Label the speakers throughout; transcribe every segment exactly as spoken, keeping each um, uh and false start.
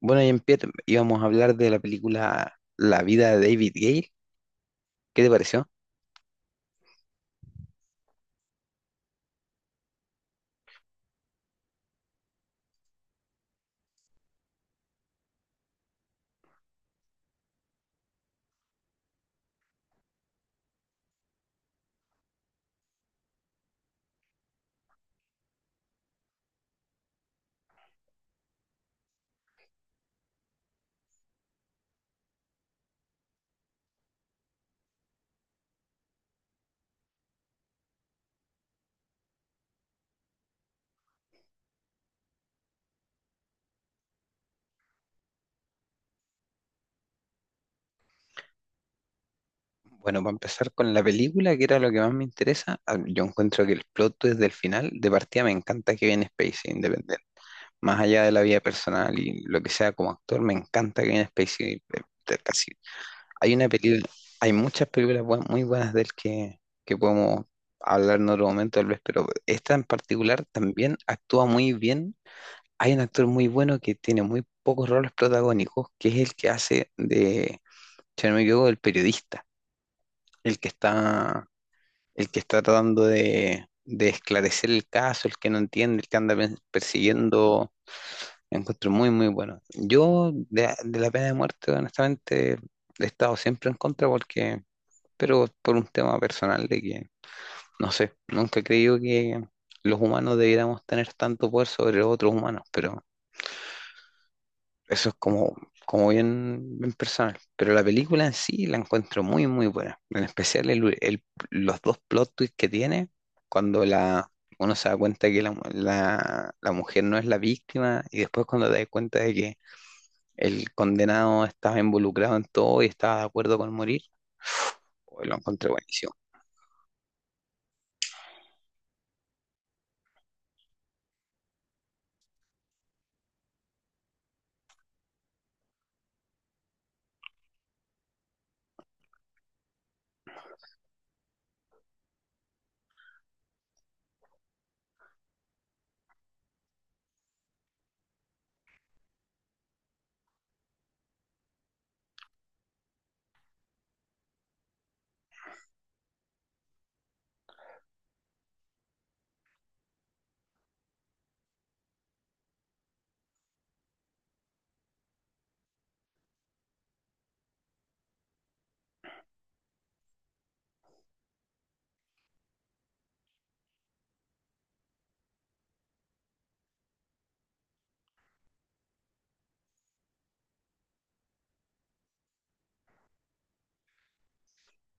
Speaker 1: Bueno, Jean-Pierre, íbamos a hablar de la película La vida de David Gale. ¿Qué te pareció? Bueno, para empezar con la película, que era lo que más me interesa, ah, yo encuentro que el plot desde el final, de partida me encanta que viene Spacey independiente. Más allá de la vida personal y lo que sea como actor, me encanta que viene Spacey. eh, te- Casi. Hay una película, hay muchas películas buen- muy buenas de él que, que podemos hablar en otro momento tal vez, pero esta en particular también actúa muy bien. Hay un actor muy bueno que tiene muy pocos roles protagónicos, que es el que hace de, si no me equivoco, el periodista, el que está, el que está tratando de, de esclarecer el caso, el que no entiende, el que anda pe- persiguiendo. Lo encuentro muy, muy bueno. Yo de, de la pena de muerte, honestamente, he estado siempre en contra porque, pero por un tema personal de que, no sé, nunca he creído que los humanos debiéramos tener tanto poder sobre otros humanos, pero eso es como, como bien, bien personal. Pero la película en sí la encuentro muy, muy buena. En especial el- el- los dos plot twists que tiene cuando la, uno se da cuenta que la, mu- la- la mujer no es la víctima y después cuando te das cuenta de que el condenado estaba involucrado en todo y estaba de acuerdo con morir, pues lo encontré buenísimo.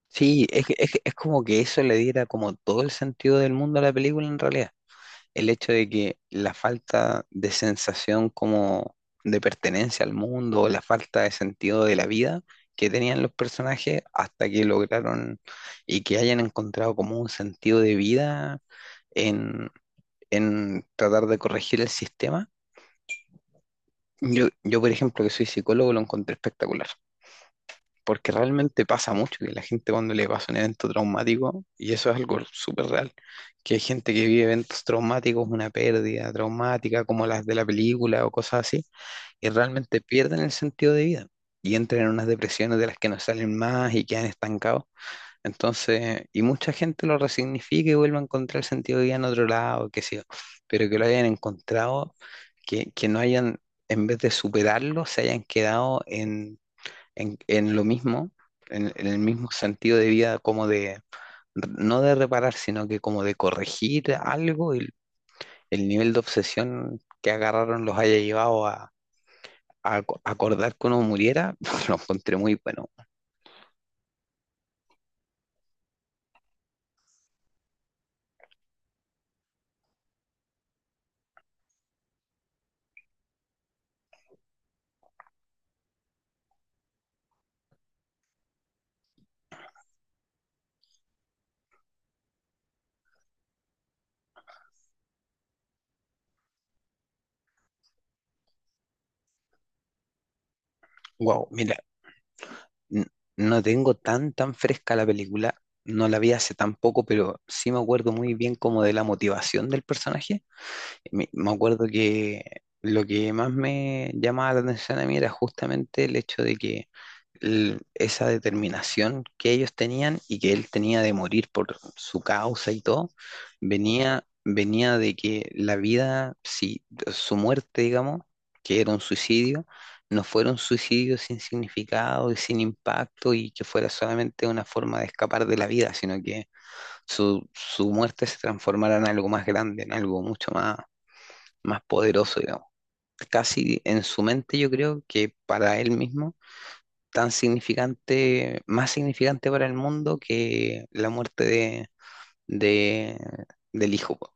Speaker 1: Sí, es, que- es, que- es como que eso le diera como todo el sentido del mundo a la película en realidad. El hecho de que la falta de sensación como de pertenencia al mundo, o la falta de sentido de la vida que tenían los personajes hasta que lograron y que hayan encontrado como un sentido de vida en, en tratar de corregir el sistema. Yo, yo, por ejemplo, que soy psicólogo, lo encontré espectacular. Porque realmente pasa mucho que la gente cuando le pasa un evento traumático, y eso es algo súper real, que hay gente que vive eventos traumáticos, una pérdida traumática como las de la película o cosas así, y realmente pierden el sentido de vida y entran en unas depresiones de las que no salen más y quedan estancados. Entonces, y mucha gente lo resignifica y vuelve a encontrar el sentido de vida en otro lado, qué sé yo, pero que lo hayan encontrado, que, que no hayan, en vez de superarlo, se hayan quedado en en, en lo mismo, en, en el mismo sentido de vida, como de, no de reparar, sino que como de corregir algo, el, el nivel de obsesión que agarraron los haya llevado a, a aco- acordar que uno muriera, lo encontré muy bueno. Wow, mira, n- no tengo tan, tan fresca la película, no la vi hace tan poco, pero sí me acuerdo muy bien como de la motivación del personaje. Me, me acuerdo que lo que más me llamaba la atención a mí era justamente el hecho de que el- esa determinación que ellos tenían y que él tenía de morir por su causa y todo, venía, venía de que la vida, si su muerte, digamos, que era un suicidio, no fuera un suicidio sin significado y sin impacto y que fuera solamente una forma de escapar de la vida, sino que su, su muerte se transformara en algo más grande, en algo mucho más más poderoso, digamos. Casi en su mente yo creo que para él mismo, tan significante, más significante para el mundo que la muerte de, de- del hijo. Po.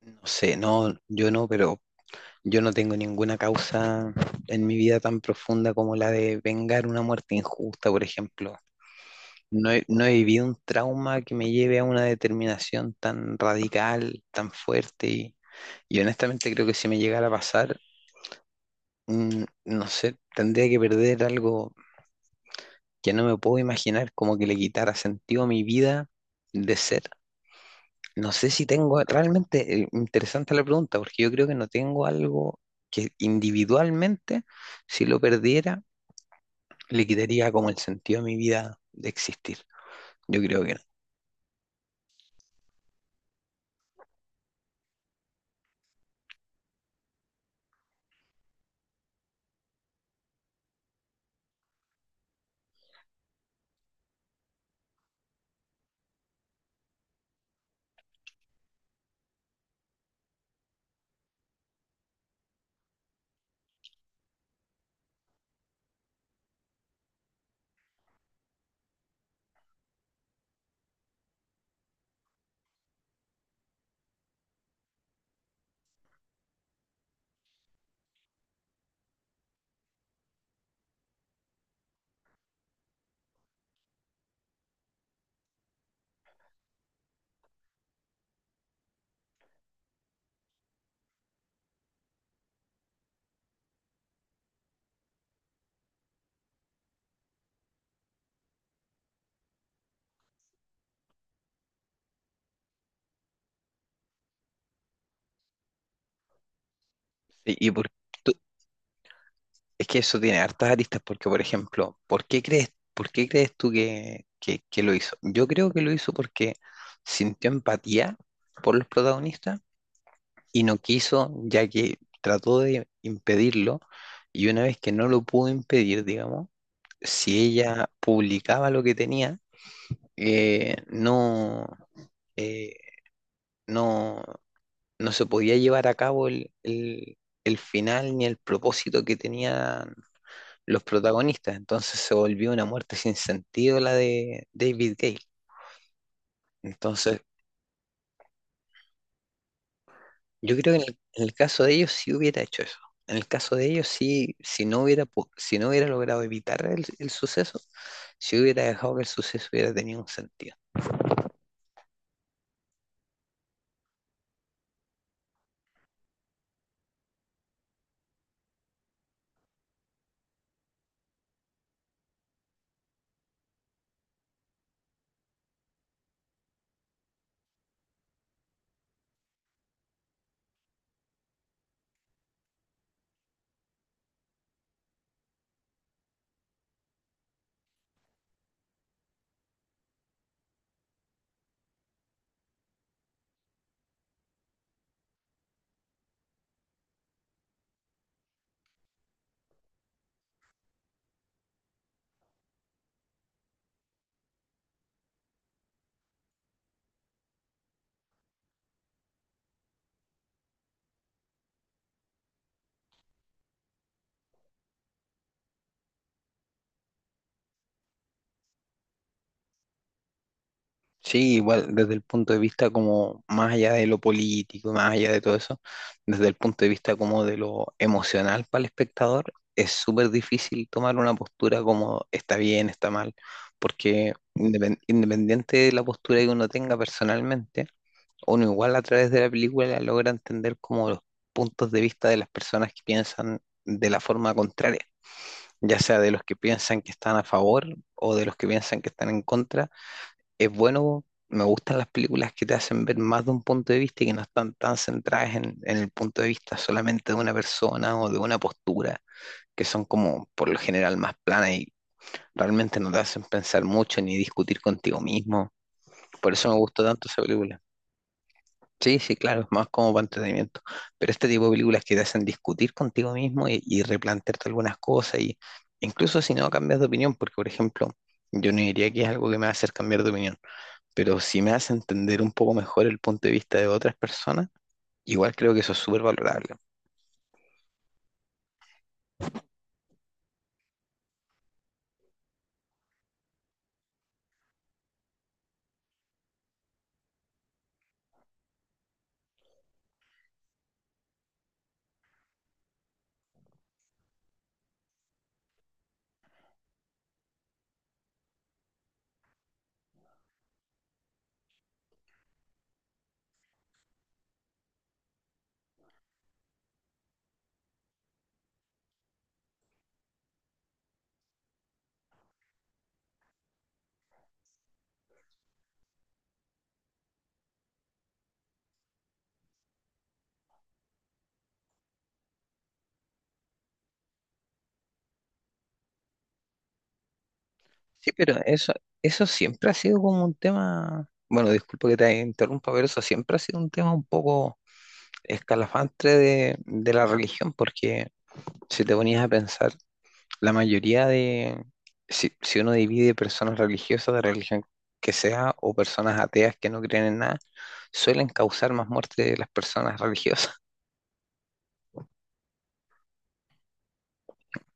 Speaker 1: No sé, no, yo no, pero yo no tengo ninguna causa en mi vida tan profunda como la de vengar una muerte injusta, por ejemplo. No he, no he vivido un trauma que me lleve a una determinación tan radical, tan fuerte y... Y honestamente creo que si me llegara a pasar, Mm, no sé, tendría que perder algo que no me puedo imaginar, como que le quitara sentido a mi vida de ser. No sé si tengo, realmente eh, interesante la pregunta, porque yo creo que no tengo algo que individualmente, si lo perdiera, le quitaría como el sentido a mi vida de existir. Yo creo que no. ¿Y, y por qué? Es que eso tiene hartas aristas porque, por ejemplo, ¿por qué crees, por qué crees tú que, que- que lo hizo? Yo creo que lo hizo porque sintió empatía por los protagonistas y no quiso, ya que trató de impedirlo y una vez que no lo pudo impedir, digamos, si ella publicaba lo que tenía, eh, no, eh, no, no se podía llevar a cabo el, el- el final ni el propósito que tenía los protagonistas. Entonces se volvió una muerte sin sentido la de David Gale. Entonces, yo creo que en el, en el caso de ellos sí hubiera hecho eso. En el caso de ellos sí, si no hubiera, po- si no hubiera logrado evitar el, el suceso, si hubiera dejado que el suceso hubiera tenido un sentido. Sí, igual desde el punto de vista como más allá de lo político, más allá de todo eso, desde el punto de vista como de lo emocional para el espectador, es súper difícil tomar una postura como está bien, está mal, porque independ- independiente de la postura que uno tenga personalmente, uno igual a través de la película logra entender como los puntos de vista de las personas que piensan de la forma contraria, ya sea de los que piensan que están a favor o de los que piensan que están en contra. Es bueno, me gustan las películas que te hacen ver más de un punto de vista y que no están tan centradas en, en el punto de vista solamente de una persona o de una postura, que son como por lo general más planas y realmente no te hacen pensar mucho ni discutir contigo mismo. Por eso me gustó tanto esa película. Sí, sí, claro, es más como para entretenimiento. Pero este tipo de películas que te hacen discutir contigo mismo y, y replantearte algunas cosas, y incluso si no cambias de opinión, porque por ejemplo, yo no diría que es algo que me va a hacer cambiar de opinión, pero si me hace entender un poco mejor el punto de vista de otras personas, igual creo que eso es súper valorable. Sí, pero eso, eso siempre ha sido como un tema, bueno, disculpa que te interrumpa, pero eso siempre ha sido un tema un poco escalafante de, de la religión, porque si te ponías a pensar, la mayoría de, si, si uno divide personas religiosas de religión que sea o personas ateas que no creen en nada, suelen causar más muerte de las personas religiosas.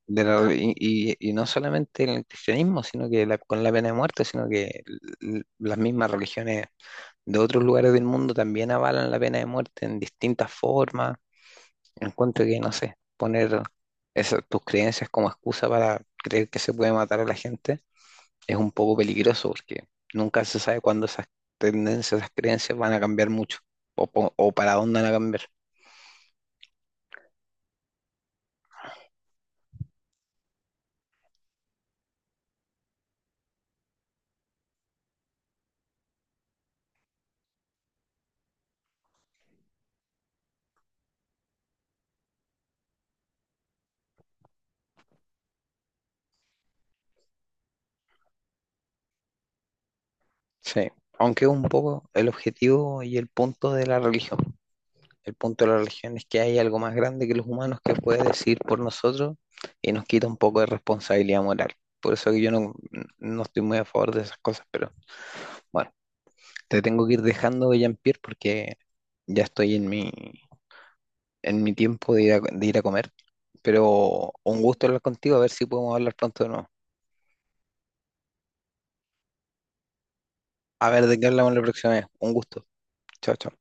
Speaker 1: De y, y- y no solamente en el cristianismo, sino que la- con la pena de muerte, sino que l- las mismas religiones de otros lugares del mundo también avalan la pena de muerte en distintas formas. Encuentro que, no sé, poner esas, tus creencias como excusa para creer que se puede matar a la gente es un poco peligroso porque nunca se sabe cuándo esas tendencias, esas creencias van a cambiar mucho o, po- o para dónde van a cambiar. Sí, aunque es un poco el objetivo y el punto de la religión. El punto de la religión es que hay algo más grande que los humanos que puede decir por nosotros y nos quita un poco de responsabilidad moral. Por eso que yo no, no estoy muy a favor de esas cosas, pero bueno, te tengo que ir dejando, Jean-Pierre, porque ya estoy en mi, en mi tiempo de ir a, de ir a comer. Pero un gusto hablar contigo, a ver si podemos hablar pronto de nuevo. A ver de qué hablamos la próxima vez. Un gusto. Chao, chao.